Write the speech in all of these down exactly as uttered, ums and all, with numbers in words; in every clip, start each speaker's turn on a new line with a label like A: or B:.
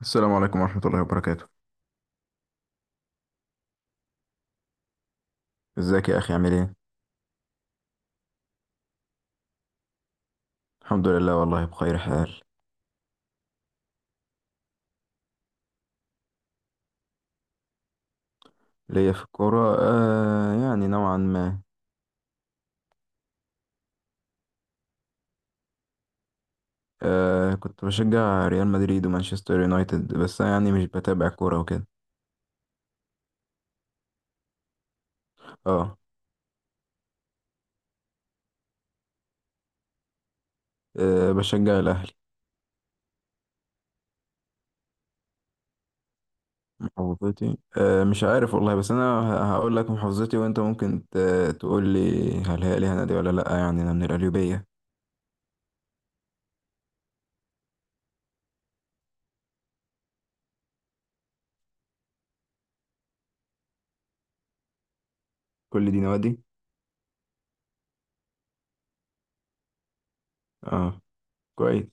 A: السلام عليكم ورحمة الله وبركاته. ازيك يا أخي، عامل ايه؟ الحمد لله، والله بخير حال. ليا في الكورة، آه يعني نوعا ما. آه كنت بشجع ريال مدريد ومانشستر يونايتد، بس أنا يعني مش بتابع كورة وكده. اه. آه بشجع الأهلي. محافظتي، آه مش عارف والله، بس أنا ه- هقول لك محافظتي، وأنت ممكن ت- تقول لي هل هي ليها نادي ولا لأ، يعني أنا من القليوبية. كل دي نوادي؟ اه، كويس.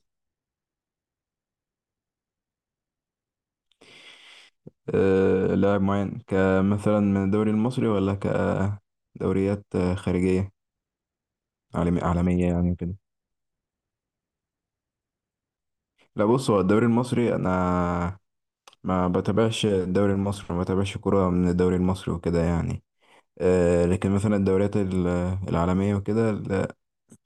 A: آه، لاعب معين، كمثلا من الدوري المصري ولا كدوريات آه، خارجية، عالمي عالمية يعني كده؟ لا، بص، هو الدوري المصري، أنا ما بتابعش الدوري المصري، ما بتابعش كرة من الدوري المصري وكده يعني. آه، لكن مثلا الدوريات ال- العالمية وكده ال-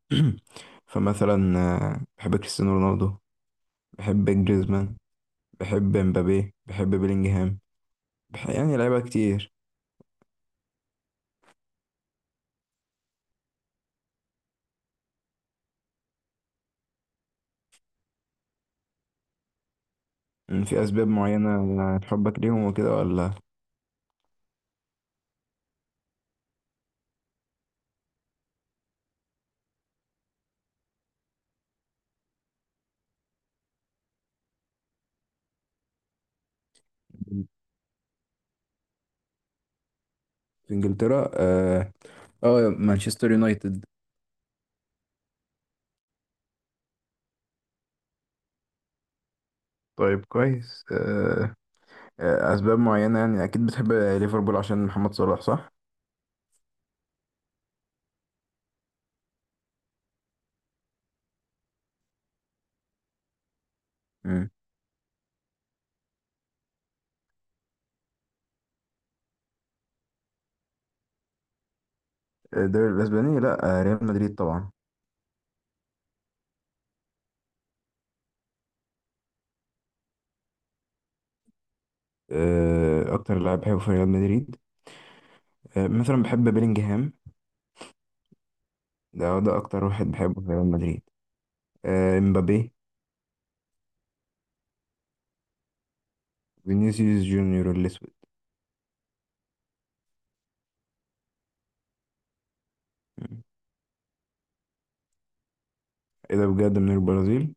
A: فمثلا، آه، بحب كريستيانو رونالدو، بحب جريزمان، بحب مبابي، بحب بيلينجهام. بح- يعني لعيبة كتير. م، في أسباب معينة لحبك ليهم وكده، ولا؟ في انجلترا، اه. آه مانشستر يونايتد. طيب كويس. آه، آه، أسباب معينة يعني، أكيد بتحب ليفربول عشان محمد صلاح صح؟ مم. الدوري الأسباني لأ. آه، ريال مدريد طبعا. آه، اكتر لاعب بحبه في ريال مدريد، آه، مثلا بحب بيلينجهام، ده ده اكتر واحد بحبه في ريال مدريد. آه، امبابي، فينيسيوس جونيور الاسود. مم. ايه ده، بجد من البرازيل؟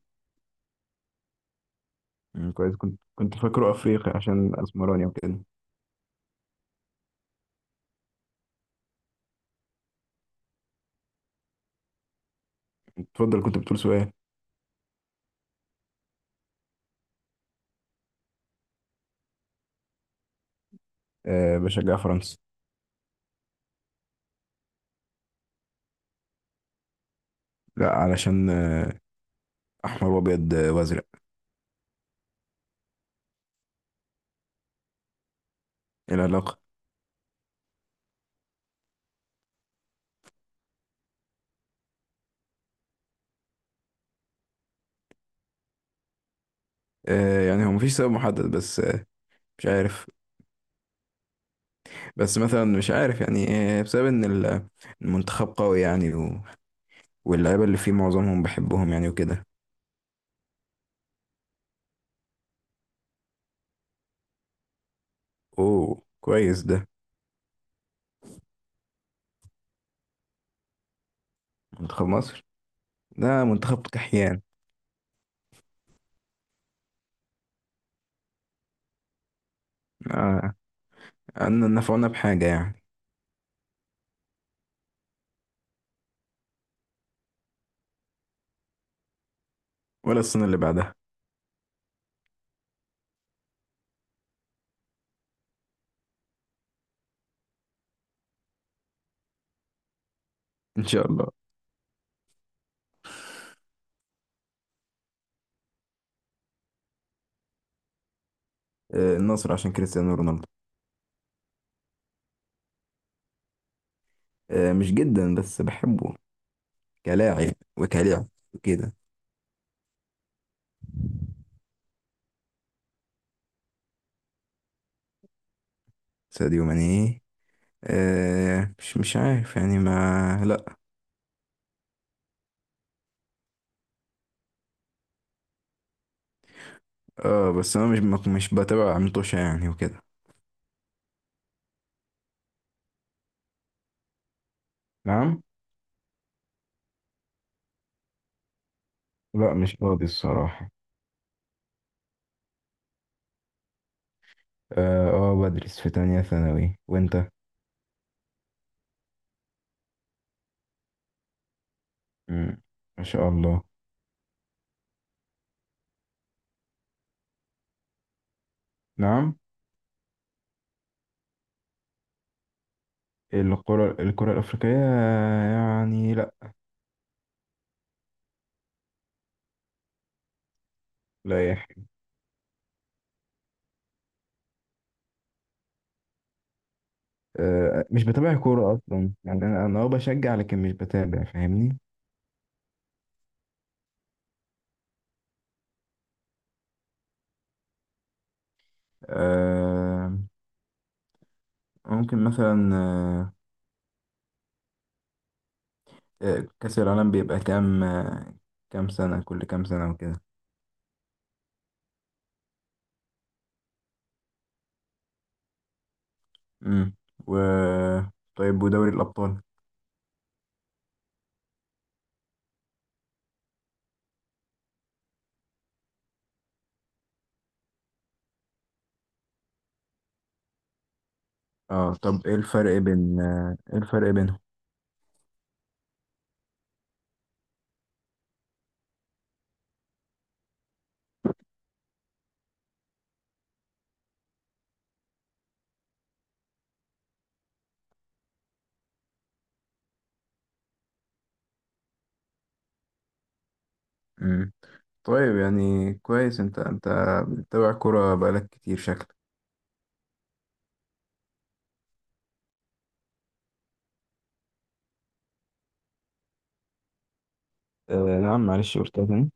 A: مم، كويس. كنت كنت فاكره افريقي عشان اسمراني وكده. اتفضل، كنت بتقول سؤال. أه بشجع فرنسا. لا، علشان آه، احمر وابيض آه، وازرق. ايه العلاقه؟ آه، يعني هو مفيش سبب محدد، بس آه، مش عارف، بس مثلا مش عارف يعني، آه، بسبب ان ال- المنتخب قوي يعني و- واللعيبه اللي فيه معظمهم بحبهم يعني وكده. اوه، كويس ده. منتخب مصر، ده منتخب كحيان. آه، ان نفعنا بحاجه يعني. ولا السنه اللي بعدها. ان شاء الله. آه، النصر عشان كريستيانو رونالدو. آه، مش جدا بس بحبه كلاعب وكلاعب وكده. ساديو ماني، آه مش مش عارف يعني ما لا. اه، بس انا مش مش بتابع عمتوشة يعني وكده. نعم؟ لا، مش فاضي الصراحة. اه، آه، بدرس في تانية ثانوي، وانت؟ مم. ما شاء الله. نعم؟ الكرة الكرة الأفريقية يعني لا. لا يا أخي. آه مش بتابع كورة أصلا يعني، أنا أنا أه بشجع، لكن مش بتابع، فاهمني؟ آه ممكن مثلا، آه آه، كأس العالم بيبقى كام، آه كام سنة، كل كام سنة وكده؟ امم. و طيب، ودوري الأبطال؟ اه، طب، ايه الفرق بين آه، ايه الفرق بينهم؟ امم. طيب، يعني كويس. انت انت بتتابع كورة بقالك كتير شكلك. آه نعم، معلش قلتها تاني؟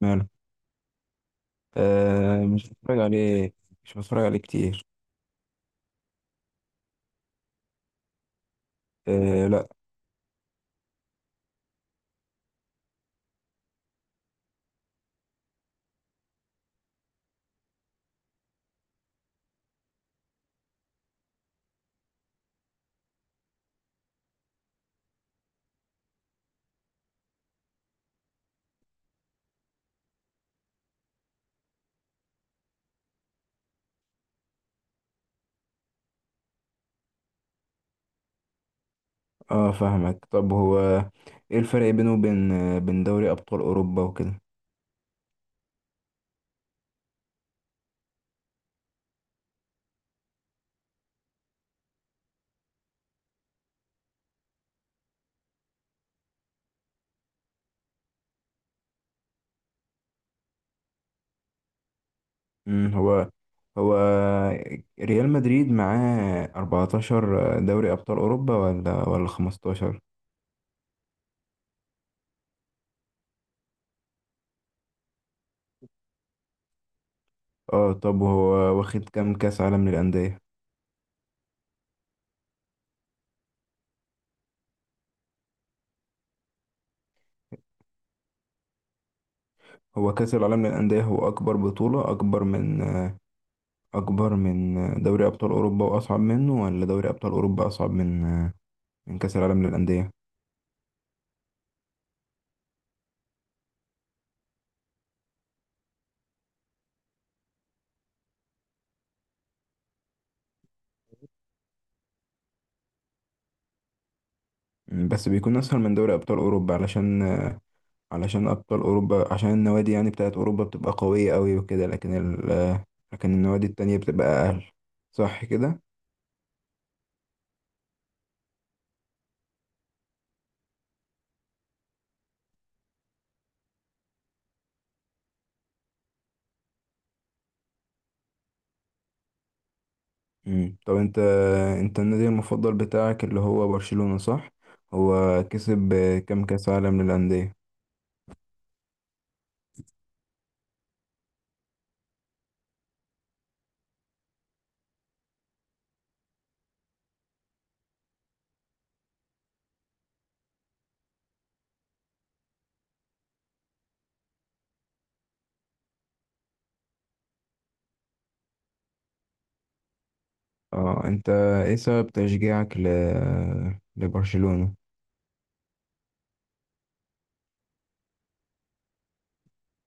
A: ماله. آه مش بتفرج عليه، مش بتفرج عليه كتير. آه لا. اه، فاهمك. طب هو ايه الفرق بينه وبين آه، بين دوري أبطال أوروبا وكده؟ امم. هو هو ريال مدريد معاه أربعة عشر دوري أبطال أوروبا، ولا ولا خمستاشر؟ اه، طب هو واخد كام كأس عالم للأندية؟ هو كأس العالم للأندية، هو أكبر بطولة، أكبر من أكبر من دوري أبطال أوروبا وأصعب منه، ولا دوري أبطال أوروبا أصعب من من كأس العالم للأندية؟ مم، بس بيكون أسهل من دوري أبطال أوروبا علشان علشان أبطال أوروبا، عشان النوادي يعني بتاعت أوروبا بتبقى قوية أوي وكده، لكن ال لكن النوادي التانية بتبقى أقل، صح كده؟ مم. طب أنت أنت النادي المفضل بتاعك اللي هو برشلونة صح؟ هو كسب كام كأس عالم للأندية؟ اه، انت، ايه سبب تشجيعك ل... لبرشلونة؟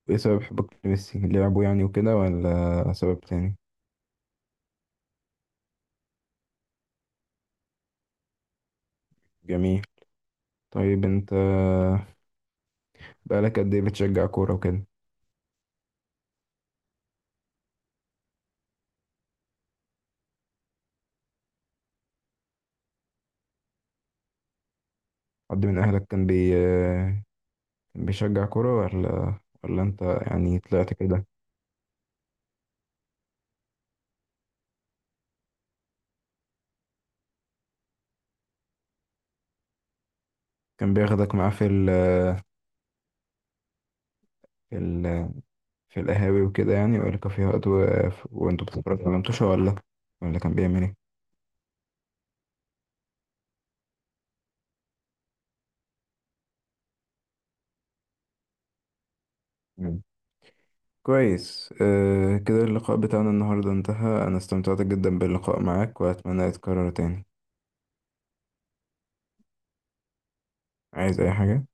A: ايه سبب حبك لميسي، لعبه يعني وكده ولا سبب تاني؟ جميل. طيب، انت بقالك قد ايه بتشجع كورة وكده؟ حد من اهلك كان بي... كان بيشجع كورة، ولا ولا انت يعني طلعت كده؟ كان بياخدك معاه في ال... في ال... في القهاوي وكده يعني، ولا كافيهات، و... وانتوا بتتفرجوا على متوشة، ولا ولا كان بيعمل؟ ايه، كويس. آه كده اللقاء بتاعنا النهاردة انتهى، أنا استمتعت جدا باللقاء معاك، وأتمنى يتكرر تاني. عايز أي حاجة؟